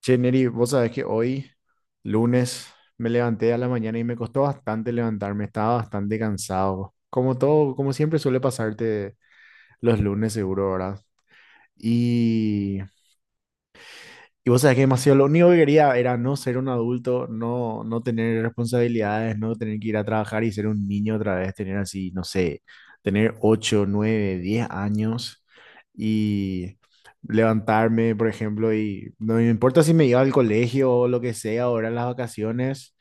Che, Neri, vos sabés que hoy, lunes, me levanté a la mañana y me costó bastante levantarme, estaba bastante cansado. Como todo, como siempre suele pasarte los lunes, seguro, ¿verdad? Y y vos sabés que demasiado lo único que quería era no ser un adulto, no, no tener responsabilidades, no tener que ir a trabajar y ser un niño otra vez, tener así, no sé, tener 8 9 10 años y levantarme, por ejemplo, y no me importa si me iba al colegio o lo que sea, ahora en las vacaciones,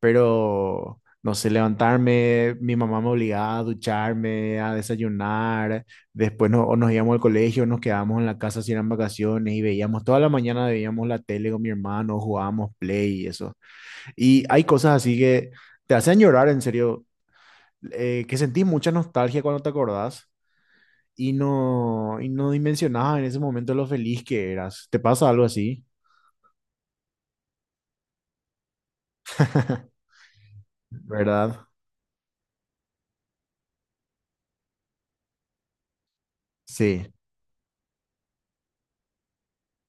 pero no sé, levantarme, mi mamá me obligaba a ducharme, a desayunar. Después no, o nos íbamos al colegio, nos quedábamos en la casa si eran vacaciones y veíamos, toda la mañana veíamos la tele con mi hermano, jugábamos play y eso. Y hay cosas así que te hacen llorar, en serio, que sentís mucha nostalgia cuando te acordás y no dimensionabas en ese momento lo feliz que eras. ¿Te pasa algo así? ¿Verdad? Sí,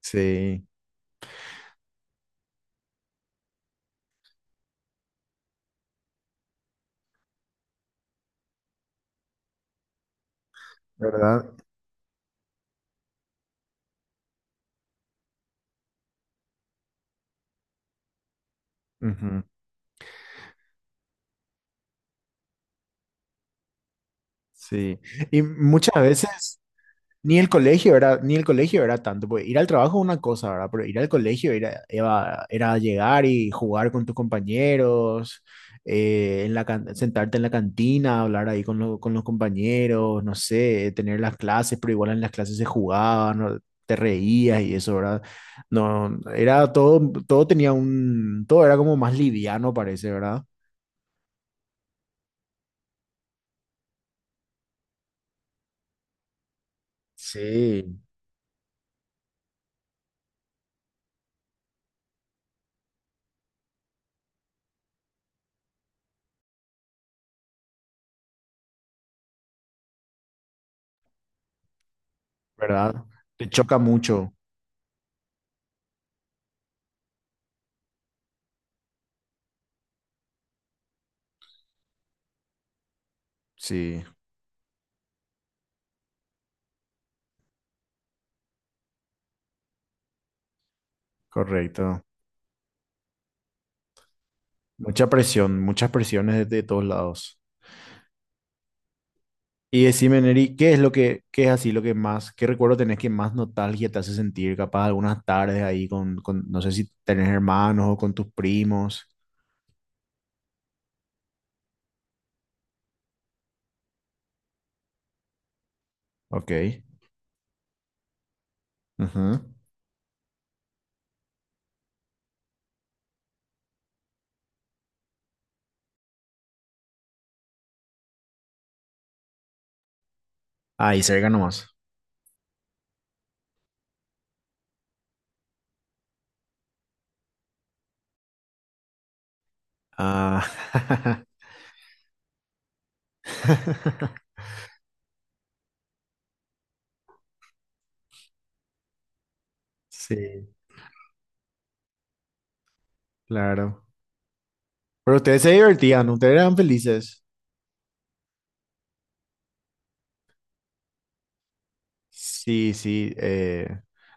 sí, ¿verdad? Ujú. Sí. Y muchas veces... Ni el colegio era, ni el colegio era tanto, porque ir al trabajo es una cosa, ¿verdad? Pero ir al colegio era llegar y jugar con tus compañeros, en la, sentarte en la cantina, hablar ahí con, con los compañeros, no sé, tener las clases, pero igual en las clases se jugaba, ¿no? Te reías y eso, ¿verdad? No, era todo, todo tenía un, todo era como más liviano, parece, ¿verdad? Sí. ¿Verdad? Te choca mucho. Sí, correcto. Mucha presión, muchas presiones de todos lados. Y decime, Neri, ¿qué es lo que, qué es así lo que más, qué recuerdo tenés que más nostalgia te hace sentir? Capaz algunas tardes ahí con no sé si tenés hermanos o con tus primos. Ok. Ujú. Ahí cerca nomás. Ah, sí, claro. Pero ustedes se divertían, ustedes eran felices. Sí, sí.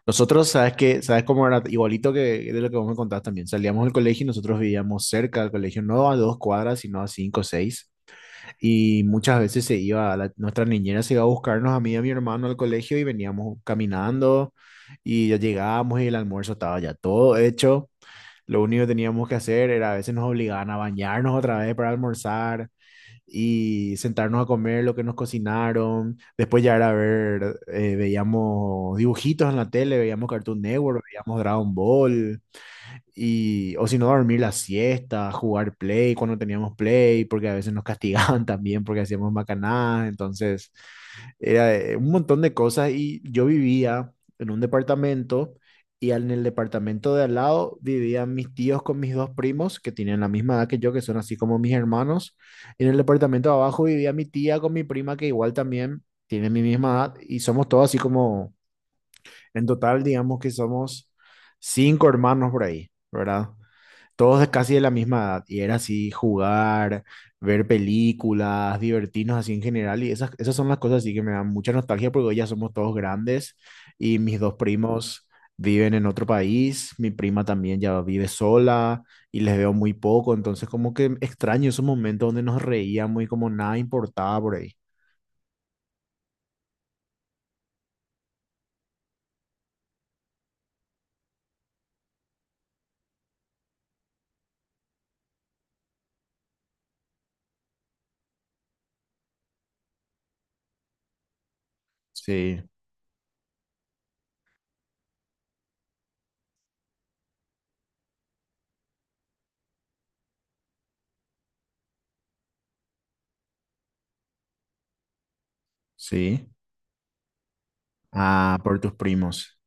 Nosotros, ¿sabes qué? ¿Sabes cómo era? Igualito que de lo que vos me contabas también. Salíamos del colegio y nosotros vivíamos cerca del colegio, no a 2 cuadras, sino a 5 o 6. Y muchas veces se iba, nuestra niñera se iba a buscarnos a mí y a mi hermano al colegio y veníamos caminando y ya llegábamos y el almuerzo estaba ya todo hecho. Lo único que teníamos que hacer era a veces nos obligaban a bañarnos otra vez para almorzar y sentarnos a comer lo que nos cocinaron. Después ya era ver, veíamos dibujitos en la tele, veíamos Cartoon Network, veíamos Dragon Ball. Y, o si no, dormir la siesta, jugar play cuando teníamos play, porque a veces nos castigaban también porque hacíamos macanadas. Entonces, era un montón de cosas. Y yo vivía en un departamento y en el departamento de al lado vivían mis tíos con mis dos primos, que tienen la misma edad que yo, que son así como mis hermanos. Y en el departamento de abajo vivía mi tía con mi prima, que igual también tiene mi misma edad. Y somos todos así como, en total, digamos que somos cinco hermanos por ahí, ¿verdad? Todos de casi de la misma edad, y era así jugar, ver películas, divertirnos así en general, y esas, esas son las cosas así que me dan mucha nostalgia porque hoy ya somos todos grandes y mis dos primos viven en otro país, mi prima también ya vive sola y les veo muy poco, entonces como que extraño esos momentos donde nos reíamos y como nada importaba por ahí. Sí, sí. Ah, por tus primos.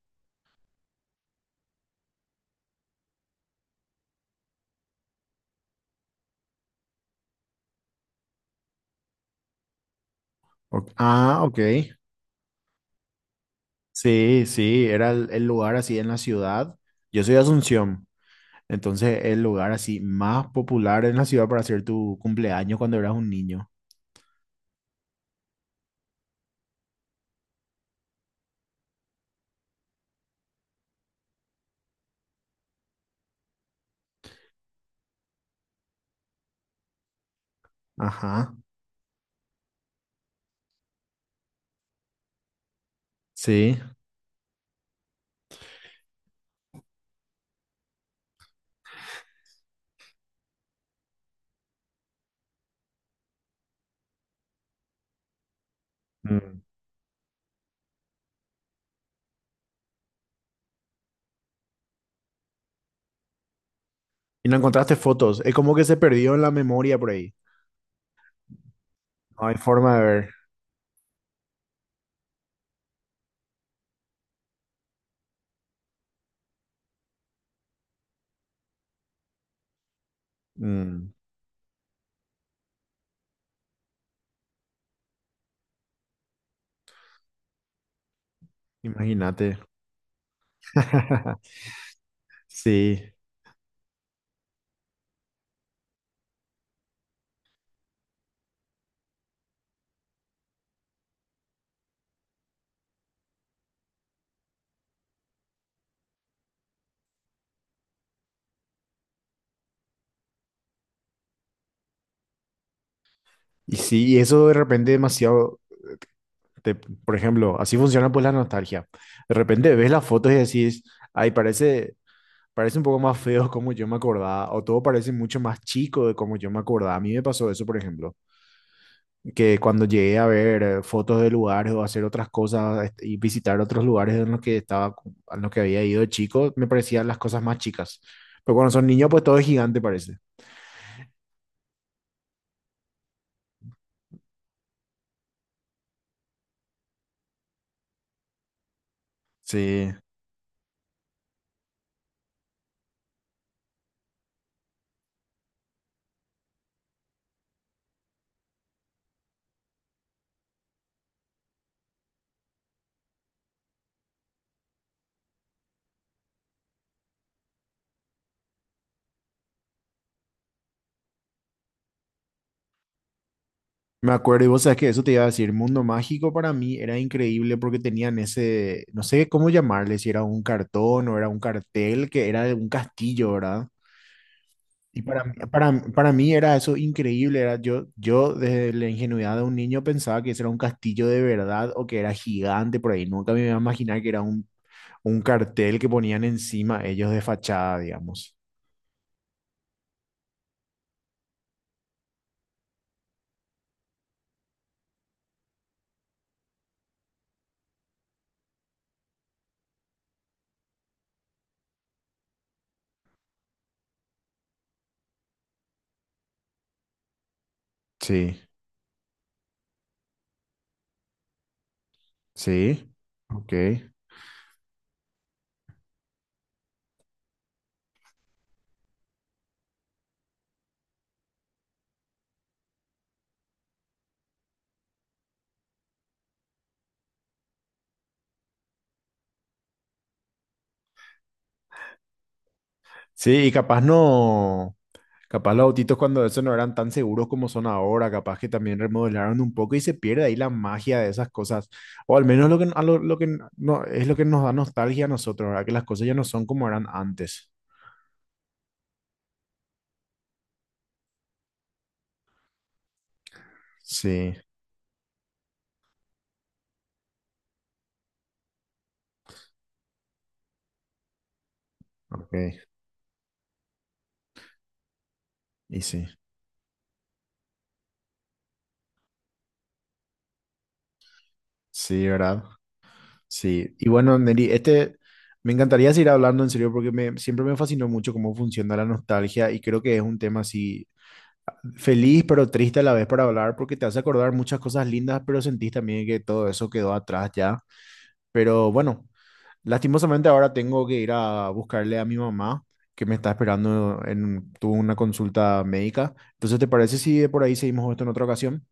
Ok. Ah, ok. Sí, sí, era el lugar así en la ciudad. Yo soy de Asunción. Entonces, el lugar así más popular en la ciudad para hacer tu cumpleaños cuando eras un niño. Ajá, sí. Mm. Y no encontraste fotos. Es como que se perdió en la memoria por ahí. No hay forma de ver. Mm. Imagínate. Sí. Y sí, y eso de repente demasiado, por ejemplo, así funciona pues la nostalgia. De repente ves las fotos y decís, ay, parece, parece un poco más feo como yo me acordaba, o todo parece mucho más chico de como yo me acordaba. A mí me pasó eso, por ejemplo. Que cuando llegué a ver fotos de lugares o hacer otras cosas este, y visitar otros lugares en los que estaba, en los que había ido de chico, me parecían las cosas más chicas. Pero cuando son niños, pues todo es gigante, parece. Sí. Me acuerdo, y vos sabes que eso te iba a decir, Mundo Mágico para mí era increíble porque tenían ese, no sé cómo llamarle, si era un cartón o era un cartel, que era de un castillo, ¿verdad? Y para, para mí era eso increíble, era yo, yo desde la ingenuidad de un niño pensaba que ese era un castillo de verdad o que era gigante por ahí, nunca me iba a imaginar que era un cartel que ponían encima ellos de fachada, digamos. Sí, sí, ok. Sí, y capaz no, capaz los autitos cuando eso no eran tan seguros como son ahora, capaz que también remodelaron un poco y se pierde ahí la magia de esas cosas, o al menos lo que, lo que no, es lo que nos da nostalgia a nosotros, ¿verdad? Que las cosas ya no son como eran antes. Sí, ok, y sí, sí, ¿verdad? Sí, y bueno, Neri, este, me encantaría seguir hablando en serio porque me, siempre me fascinó mucho cómo funciona la nostalgia y creo que es un tema así feliz pero triste a la vez para hablar porque te hace acordar muchas cosas lindas, pero sentís también que todo eso quedó atrás ya. Pero bueno, lastimosamente ahora tengo que ir a buscarle a mi mamá que me está esperando en, tuvo una consulta médica. Entonces, ¿te parece si de por ahí seguimos esto en otra ocasión?